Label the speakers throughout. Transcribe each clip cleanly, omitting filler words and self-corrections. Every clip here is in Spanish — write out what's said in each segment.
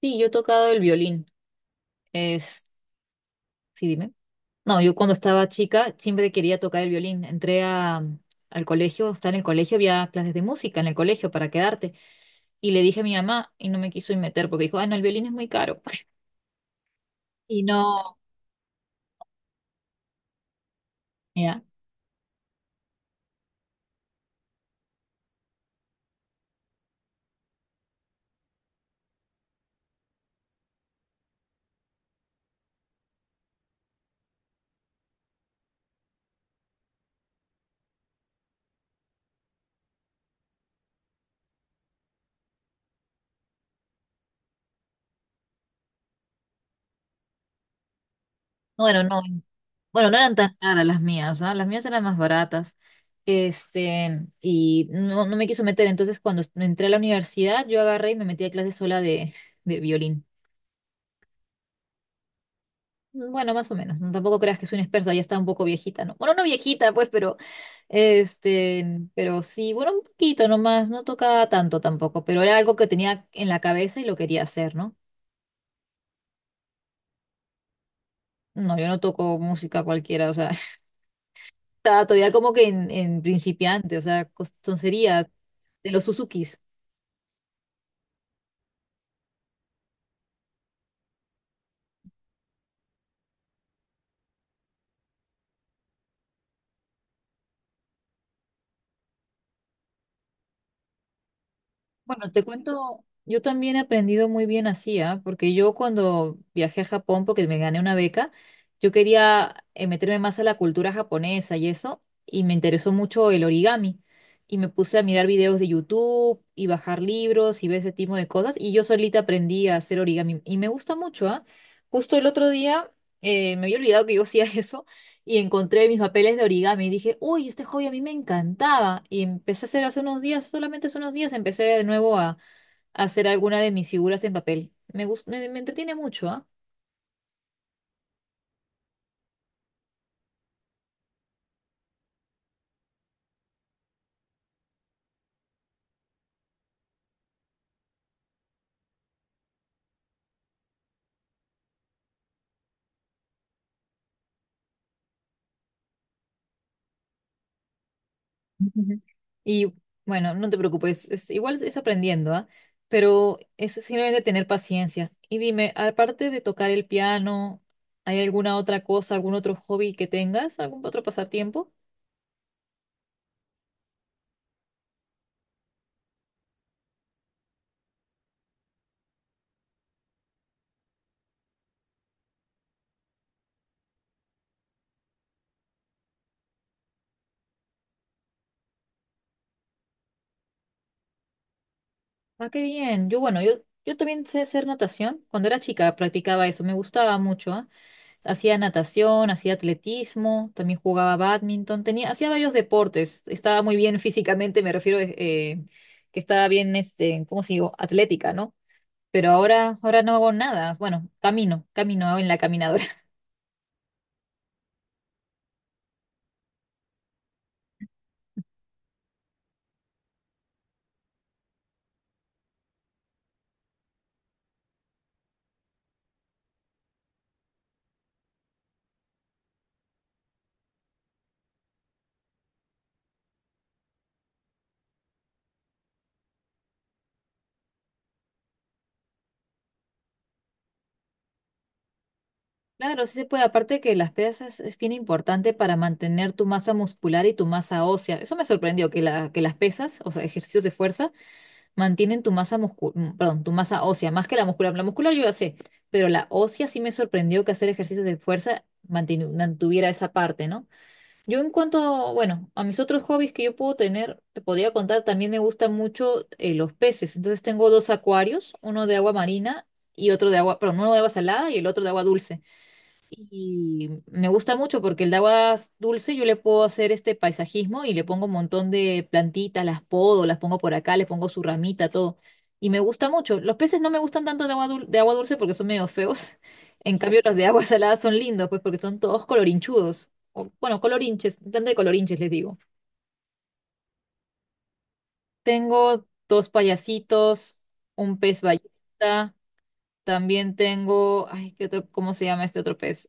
Speaker 1: Sí, yo he tocado el violín. Es, sí, dime. No, yo cuando estaba chica siempre quería tocar el violín. Entré al colegio, estaba en el colegio, había clases de música en el colegio para quedarte. Y le dije a mi mamá y no me quiso ir meter porque dijo, ah, no, el violín es muy caro. Y no, ya. Bueno, no, bueno, no eran tan caras las mías, ¿ah? Las mías eran más baratas. Y no me quiso meter. Entonces, cuando entré a la universidad, yo agarré y me metí a clases sola de violín. Bueno, más o menos. No, tampoco creas que soy una experta, ya está un poco viejita, ¿no? Bueno, no viejita, pues, este, pero sí, bueno, un poquito nomás, no tocaba tanto tampoco, pero era algo que tenía en la cabeza y lo quería hacer, ¿no? No, yo no toco música cualquiera, o sea, estaba todavía como que en principiante, o sea, tonterías de los Suzukis. Bueno, te cuento, yo también he aprendido muy bien así, ¿ah? Porque yo cuando viajé a Japón, porque me gané una beca, yo quería meterme más a la cultura japonesa y eso, y me interesó mucho el origami. Y me puse a mirar videos de YouTube y bajar libros y ver ese tipo de cosas, y yo solita aprendí a hacer origami. Y me gusta mucho, ¿ah? Justo el otro día, me había olvidado que yo hacía eso y encontré mis papeles de origami y dije, uy, este hobby a mí me encantaba. Y empecé a hacer hace unos días, solamente hace unos días, empecé de nuevo a hacer alguna de mis figuras en papel. Me entretiene mucho, ¿ah? Ujú. Y bueno, no te preocupes, igual es aprendiendo, ¿ah? Pero es simplemente tener paciencia. Y dime, aparte de tocar el piano, ¿hay alguna otra cosa, algún otro hobby que tengas, algún otro pasatiempo? Ah, qué bien. Bueno, yo también sé hacer natación. Cuando era chica practicaba eso, me gustaba mucho, ¿ah? Hacía natación, hacía atletismo, también jugaba bádminton, hacía varios deportes. Estaba muy bien físicamente, me refiero que estaba bien, ¿cómo se digo? Atlética, ¿no? Pero ahora no hago nada. Bueno, camino en la caminadora. Claro, sí se puede. Aparte que las pesas es bien importante para mantener tu masa muscular y tu masa ósea. Eso me sorprendió, que las pesas, o sea, ejercicios de fuerza mantienen tu masa perdón, tu masa ósea, más que la muscular. La muscular yo ya sé, pero la ósea sí me sorprendió que hacer ejercicios de fuerza mantuviera esa parte, ¿no? Yo en cuanto, bueno, a mis otros hobbies que yo puedo tener, te podría contar, también me gustan mucho los peces. Entonces tengo dos acuarios, uno de agua marina y otro de agua, perdón, uno de agua salada y el otro de agua dulce. Y me gusta mucho porque el de agua dulce yo le puedo hacer este paisajismo y le pongo un montón de plantitas, las podo, las pongo por acá, le pongo su ramita, todo. Y me gusta mucho. Los peces no me gustan tanto de agua de agua dulce porque son medio feos. En cambio, los de agua salada son lindos, pues porque son todos colorinchudos. O, bueno, colorinches, tanto de colorinches les digo. Tengo dos payasitos, un pez ballesta. También tengo, ay, ¿qué otro, cómo se llama este otro pez?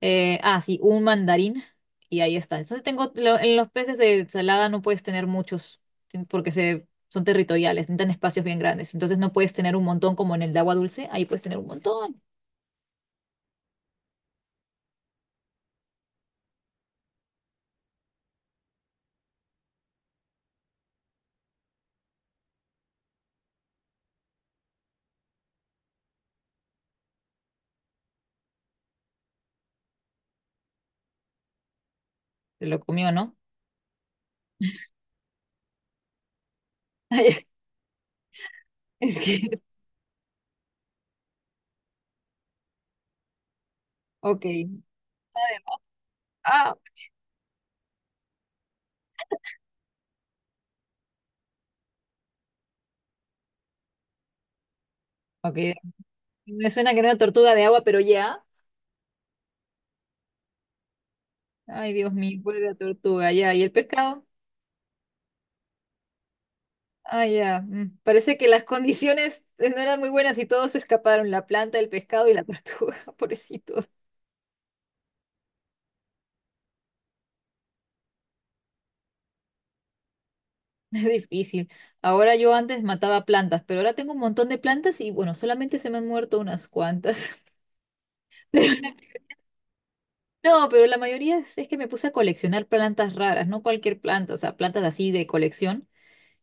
Speaker 1: Ah, sí, un mandarín y ahí está. Entonces tengo, en los peces de ensalada no puedes tener muchos porque son territoriales, necesitan espacios bien grandes. Entonces no puedes tener un montón como en el de agua dulce, ahí puedes tener un montón. Se lo comió, ¿no? Es que, ok. Ah, ok. Me suena que era una tortuga de agua, pero ya. Ay, Dios mío, ¿cuál era la tortuga? Ya, ¿y el pescado? Ah, ya. Parece que las condiciones no eran muy buenas y todos se escaparon, la planta, el pescado y la tortuga, pobrecitos. Es difícil. Ahora yo antes mataba plantas, pero ahora tengo un montón de plantas y bueno, solamente se me han muerto unas cuantas. Pero la- No, pero la mayoría es que me puse a coleccionar plantas raras, no cualquier planta, o sea, plantas así de colección.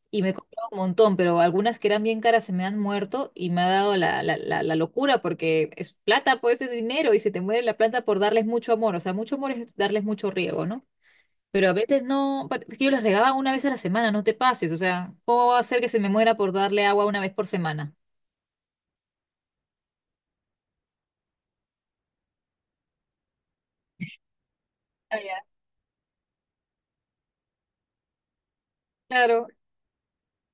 Speaker 1: Y me he comprado un montón, pero algunas que eran bien caras se me han muerto y me ha dado la locura porque es plata, pues es dinero y se te muere la planta por darles mucho amor. O sea, mucho amor es darles mucho riego, ¿no? Pero a veces no, es que yo los regaba una vez a la semana, no te pases, o sea, ¿cómo va a ser que se me muera por darle agua una vez por semana? Ah, ya. Claro,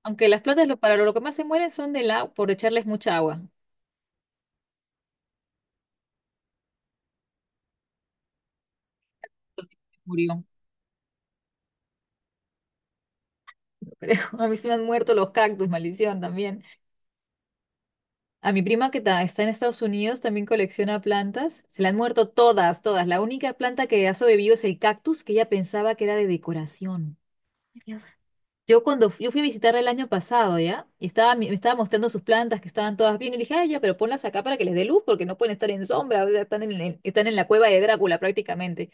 Speaker 1: aunque las plantas para lo que más se mueren son del agua, por echarles mucha agua. Entonces, murió, creo. A mí se me han muerto los cactus, maldición también. A mi prima que está en Estados Unidos también colecciona plantas. Se le han muerto todas, todas. La única planta que ha sobrevivido es el cactus que ella pensaba que era de decoración. Ay, Dios. Yo fui a visitarla el año pasado, ¿ya? Y me estaba mostrando sus plantas que estaban todas bien. Y le dije, ay, ya, pero ponlas acá para que les dé luz porque no pueden estar en sombra. O sea, están están en la cueva de Drácula prácticamente.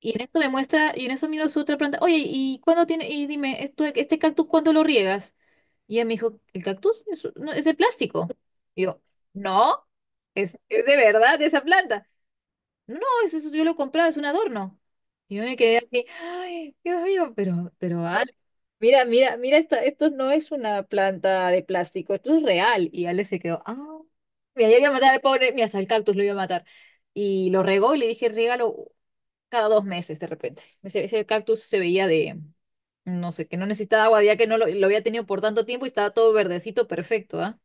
Speaker 1: Y en eso me muestra, y en eso miro su otra planta. Oye, ¿y cuándo tiene? Y dime, ¿este cactus cuándo lo riegas? Y ella me dijo, ¿el cactus? No, es de plástico. Y yo, no, es de verdad esa planta. No, no, es eso, yo lo compraba, es un adorno. Y yo me quedé así, ay, Dios mío, pero, mira, mira, mira, esto no es una planta de plástico, esto es real. Y Ale se quedó, ah, mira, yo iba a matar al pobre, mira, hasta el cactus lo iba a matar. Y lo regó y le dije, regalo cada dos meses de repente. Ese cactus se veía de, no sé, que no necesitaba agua, ya que no lo había tenido por tanto tiempo y estaba todo verdecito, perfecto, ¿ah?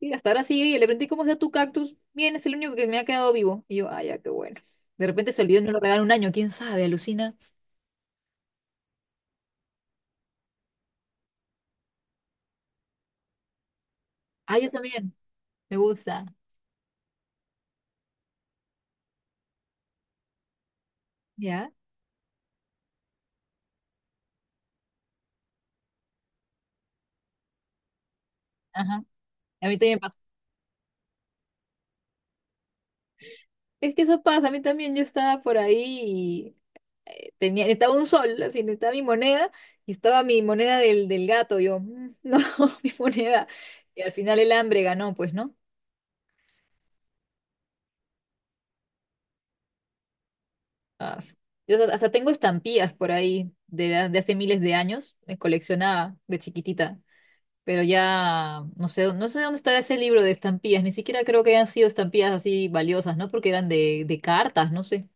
Speaker 1: Sí, hasta ahora sigue y le pregunté, ¿cómo está tu cactus? Bien, es el único que me ha quedado vivo. Y yo, ah, ya, qué bueno. De repente se olvidó y no lo regaló un año, quién sabe, alucina. Ah, yo también, me gusta. ¿Ya? Ajá. A mí también. Es que eso pasa, a mí también yo estaba por ahí y estaba un sol, así, estaba mi moneda y estaba mi moneda del gato, yo, "Mm, no, mi moneda". Y al final el hambre ganó, pues, ¿no? Ah, sí. Yo hasta tengo estampillas por ahí de hace miles de años, me coleccionaba de chiquitita, pero ya no sé, no sé dónde estará ese libro de estampillas, ni siquiera creo que hayan sido estampillas así valiosas, ¿no? Porque eran de cartas, no sé.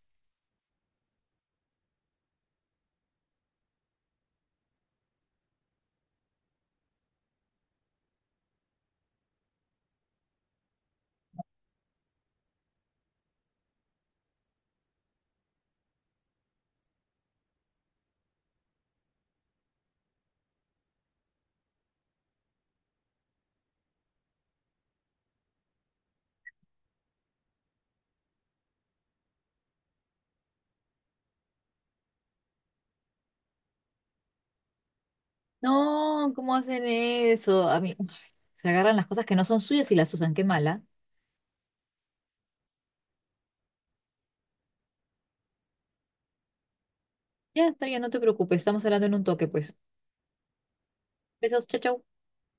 Speaker 1: No, ¿cómo hacen eso? A mí, se agarran las cosas que no son suyas y las usan. Qué mala. Ya está bien, no te preocupes. Estamos hablando en un toque, pues. Besos, chao, chao.